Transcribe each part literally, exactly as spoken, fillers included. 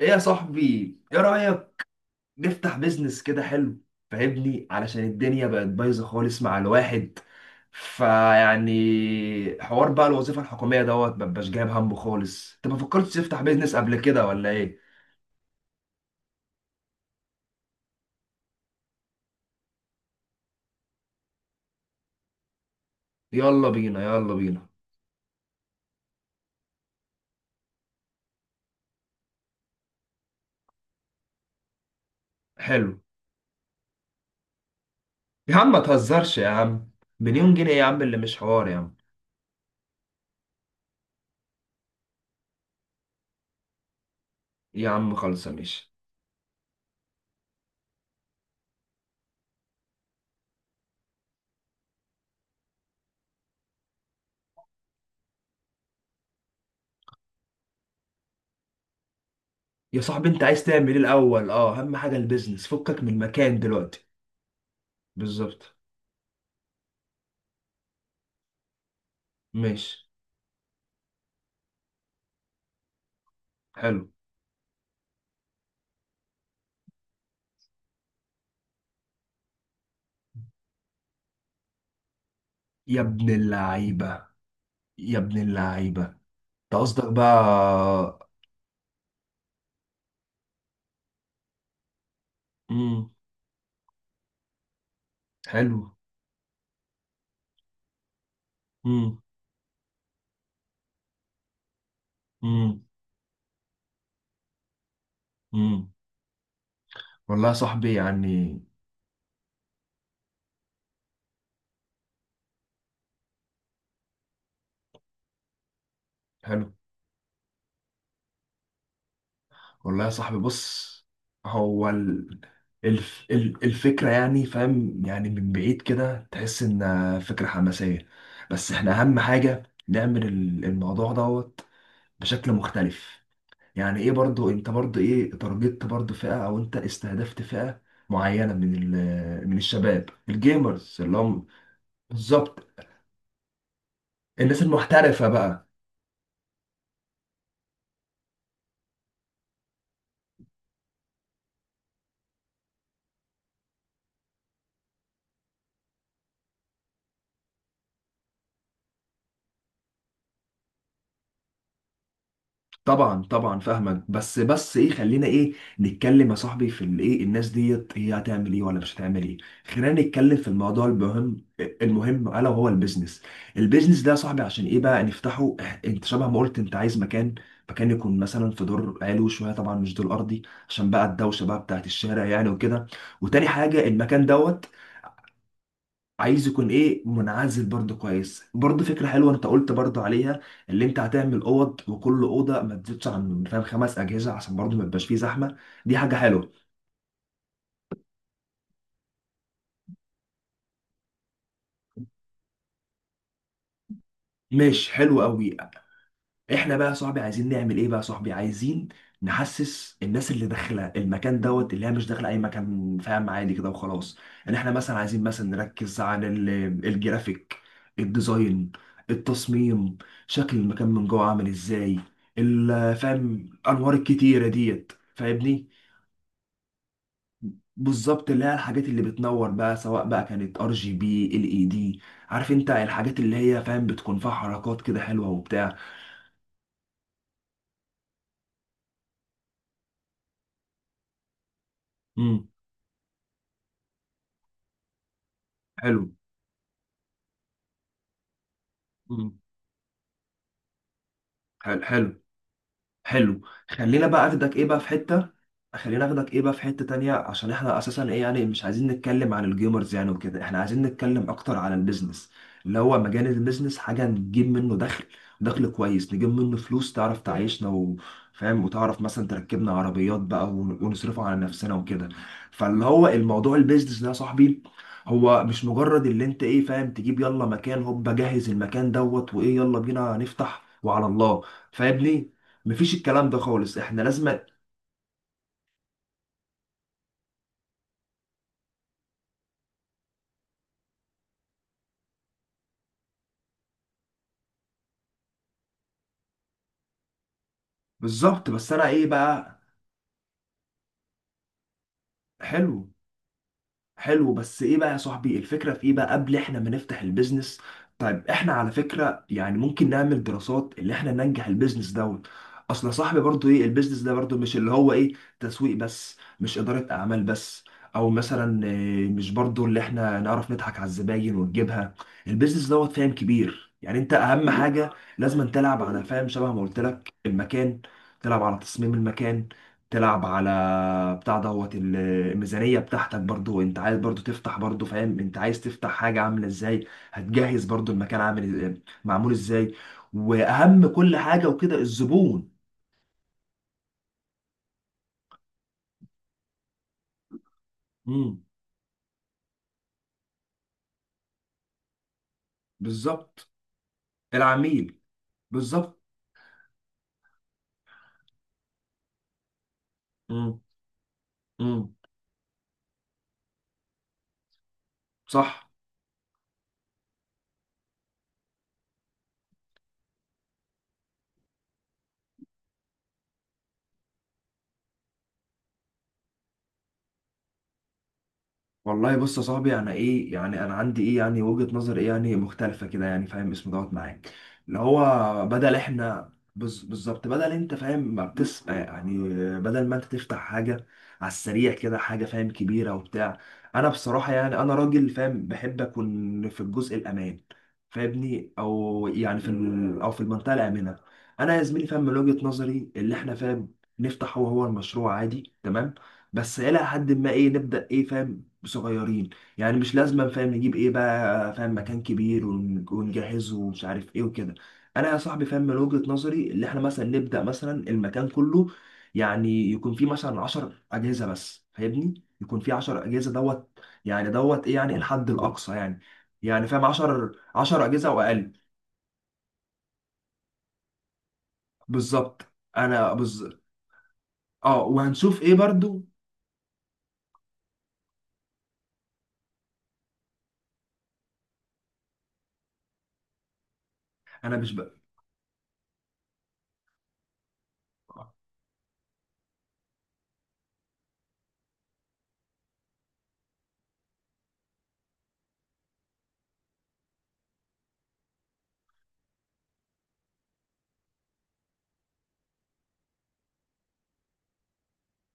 ايه يا صاحبي، ايه رأيك نفتح بيزنس كده حلو؟ فاهمني، علشان الدنيا بقت بايظة خالص مع الواحد. فيعني حوار بقى الوظيفة الحكومية دوت مبقاش جايب همه خالص. انت ما فكرتش تفتح بيزنس قبل كده ولا ايه؟ يلا بينا يلا بينا. حلو. يا عم ما تهزرش يا عم، مليون جنيه يا عم اللي مش حوار يا عم. يا عم خلصة ماشي. يا صاحبي انت عايز تعمل ايه الاول؟ اه، اهم حاجة البيزنس فكك من المكان دلوقتي. بالظبط. ماشي. حلو. يا ابن اللعيبة. يا ابن اللعيبة. انت قصدك بقى؟ امم. حلو. امم. امم امم والله يا صاحبي يعني. حلو. والله يا صاحبي، بص. هو ال... الف... ال- الفكرة يعني، فاهم، يعني من بعيد كده تحس إنها فكرة حماسية. بس احنا أهم حاجة نعمل ال- الموضوع دوت بشكل مختلف. يعني ايه برضو، انت برضو ايه تارجت برضو فئة، او انت استهدفت فئة معينة من ال- من الشباب الجيمرز اللي هم. بالظبط. الناس المحترفة بقى. طبعا طبعا فاهمك، بس بس ايه، خلينا ايه نتكلم يا صاحبي في الايه الناس ديت هي هتعمل ايه ولا مش هتعمل ايه. خلينا نتكلم في الموضوع المهم. المهم الا وهو البيزنس. البيزنس ده يا صاحبي عشان ايه بقى نفتحه؟ إح- انت شبه ما قلت انت عايز مكان، مكان يكون مثلا في دور علوي شويه، طبعا مش دور ارضي، عشان بقى الدوشه بقى بتاعت الشارع يعني وكده. وتاني حاجه المكان دوت عايز يكون ايه منعزل برضه، كويس، برضه فكره حلوه انت قلت برضه عليها. اللي انت هتعمل اوض وكل اوضه ما تزيدش عن فاهم خمس اجهزه، عشان برضه ما يبقاش فيه زحمه. دي حاجه حلوه. ماشي. حلو قوي. احنا بقى يا صاحبي عايزين نعمل ايه بقى يا صاحبي؟ عايزين نحسس الناس اللي داخله المكان دوت اللي هي مش داخله اي مكان فاهم عادي كده وخلاص. ان احنا مثلا عايزين مثلا نركز على ال- الجرافيك، الديزاين، التصميم، شكل المكان من جوه عامل ازاي، ال- فاهم الانوار الكتيره ديت فاهمني. بالظبط، اللي هي الحاجات اللي بتنور بقى سواء بقى كانت ار جي بي ال اي دي، عارف انت الحاجات اللي هي فاهم بتكون فيها حركات كده حلوه وبتاع. امم. حلو. امم. حلو. حلو. خلينا بقى اخدك ايه بقى في حتة. خلينا اخدك ايه بقى في حتة تانية، عشان احنا اساسا ايه يعني مش عايزين نتكلم عن الجيمرز يعني وكده، احنا عايزين نتكلم اكتر عن البيزنس اللي هو مجال البيزنس، حاجة نجيب منه دخل. دخل كويس نجيب منه فلوس، تعرف تعيشنا وفاهم، وتعرف مثلا تركبنا عربيات بقى ون- ونصرفها على نفسنا وكده. فاللي هو الموضوع البيزنس ده يا صاحبي هو مش مجرد اللي انت ايه فاهم تجيب يلا مكان، هوب جهز المكان دوت وايه، يلا بينا نفتح وعلى الله. فاهمني، مفيش الكلام ده خالص، احنا لازم. بالظبط. بس انا ايه بقى. حلو. حلو بس ايه بقى يا صاحبي الفكرة في ايه بقى قبل احنا ما نفتح البيزنس؟ طيب احنا على فكرة يعني ممكن نعمل دراسات اللي احنا ننجح البيزنس دوت. اصل يا صاحبي برضو ايه البيزنس ده برضو مش اللي هو ايه تسويق بس، مش إدارة اعمال بس، او مثلا إيه، مش برضو اللي احنا نعرف نضحك على الزباين ونجيبها. البيزنس دوت فاهم كبير يعني، انت اهم حاجة لازم تلعب على فاهم شبه ما قلت لك المكان، تلعب على تصميم المكان، تلعب على بتاع دوت ال- الميزانية بتاعتك برضو. انت عايز برضو تفتح برضو فاهم انت عايز تفتح حاجة عاملة ازاي. هتجهز برضو المكان عامل إز- معمول ازاي. واهم كل حاجة وكده الزبون. امم. بالظبط. العميل. بالظبط. امم. امم. صح. والله بص يا صاحبي، انا ايه يعني، انا عندي ايه يعني وجهة نظر ايه يعني مختلفة كده يعني فاهم اسمه دوت معاك. اللي هو بدل احنا بز- بالظبط بدل انت فاهم ما بتس يعني. بدل ما انت تفتح حاجة على السريع كده، حاجة فاهم كبيرة وبتاع. انا بصراحة يعني، انا راجل فاهم بحب اكون في الجزء الامان، فاهمني، او يعني في ال... او في المنطقة الآمنة. انا يا زميلي فاهم من وجهة نظري اللي احنا فاهم نفتح هو هو المشروع عادي تمام، بس الى حد ما ايه نبدا ايه فاهم صغيرين. يعني مش لازم فاهم نجيب ايه بقى فاهم مكان كبير ون- ونجهزه ومش عارف ايه وكده. انا يا صاحبي فاهم من وجهة نظري اللي احنا مثلا نبدأ مثلا المكان كله يعني يكون فيه مثلا عشر أجهزة بس، فاهمني، يكون فيه عشر أجهزة دوت، يعني دوت ايه يعني الحد الأقصى يعني، يعني فاهم عشر عشر أجهزة أو أقل. بالظبط انا بز... اه، وهنشوف ايه برضو. انا مش بقى.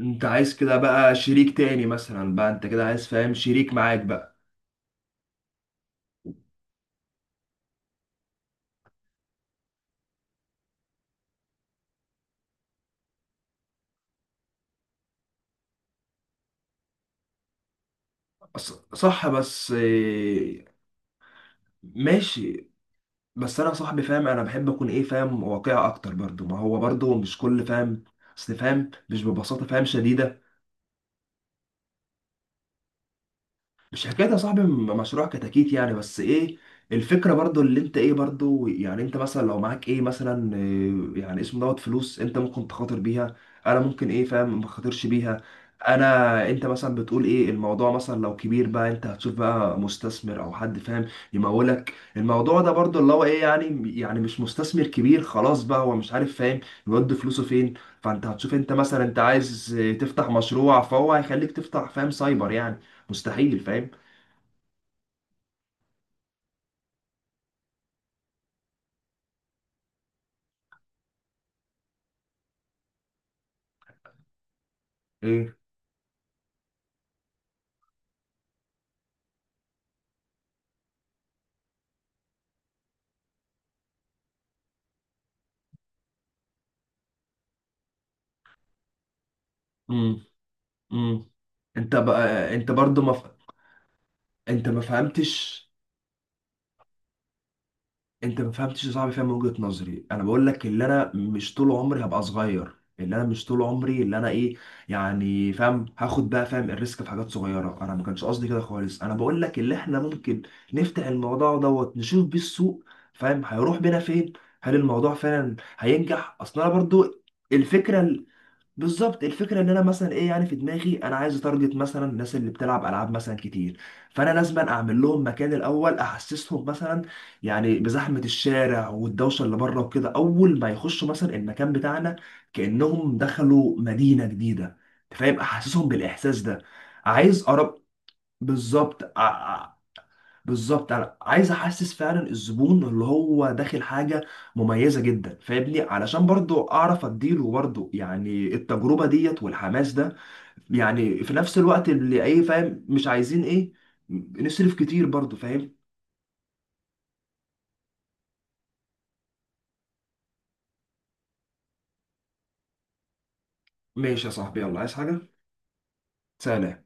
انت عايز كده بقى شريك تاني مثلا بقى، انت كده عايز فاهم شريك معاك بقى. ص- صح، بس إيه، ماشي. بس انا صاحبي فاهم انا بحب اكون ايه فاهم واقعي اكتر برضو، ما هو برضو مش كل فاهم، اصل فاهم مش ببساطة فاهم شديدة. مش حكايه يا صاحبي، م- مشروع كتاكيت يعني، بس ايه الفكره برضو اللي انت ايه برضو يعني، انت مثلا لو معاك ايه مثلا إيه يعني اسمه دوت فلوس انت ممكن تخاطر بيها، انا ممكن ايه فاهم ما خاطرش بيها. انا انت مثلا بتقول ايه الموضوع مثلا لو كبير بقى، انت هتشوف بقى مستثمر او حد فاهم يمولك الموضوع ده برضو، اللي هو ايه يعني يعني مش مستثمر كبير خلاص بقى، هو مش عارف فاهم يودي فلوسه فين. فانت هتشوف انت مثلا انت عايز تفتح مشروع فهو هيخليك تفتح فاهم سايبر يعني، مستحيل فاهم. ايه. امم. امم. انت بقى انت برضو ما ف... انت ما فهمتش انت ما فهمتش يا صاحبي فاهم وجهة نظري. انا بقول لك اللي انا مش طول عمري هبقى صغير، اللي انا مش طول عمري اللي انا ايه، يعني فاهم هاخد بقى فاهم الريسك في حاجات صغيرة. انا ما كانش قصدي كده خالص، انا بقول لك اللي احنا ممكن نفتح الموضوع دوت نشوف بيه السوق فاهم هيروح بينا فين، هل الموضوع فعلا هينجح. اصل انا برضو الفكرة بالظبط، الفكره ان انا مثلا ايه يعني في دماغي انا عايز اتارجت مثلا الناس اللي بتلعب العاب مثلا كتير، فانا لازم اعمل لهم مكان الاول احسسهم مثلا، يعني بزحمه الشارع والدوشه اللي بره وكده، اول ما يخشوا مثلا المكان بتاعنا كانهم دخلوا مدينه جديده. أنت فاهم احسسهم بالاحساس ده. عايز اقرب. بالظبط ع- بالظبط انا عايز احسس فعلا الزبون اللي هو داخل حاجه مميزه جدا، فاهمني علشان برضو اعرف اديله برضو يعني التجربه ديت والحماس ده، يعني في نفس الوقت اللي ايه فاهم مش عايزين ايه نصرف كتير برضو فاهم. ماشي يا صاحبي، يلا عايز حاجه؟ سلام.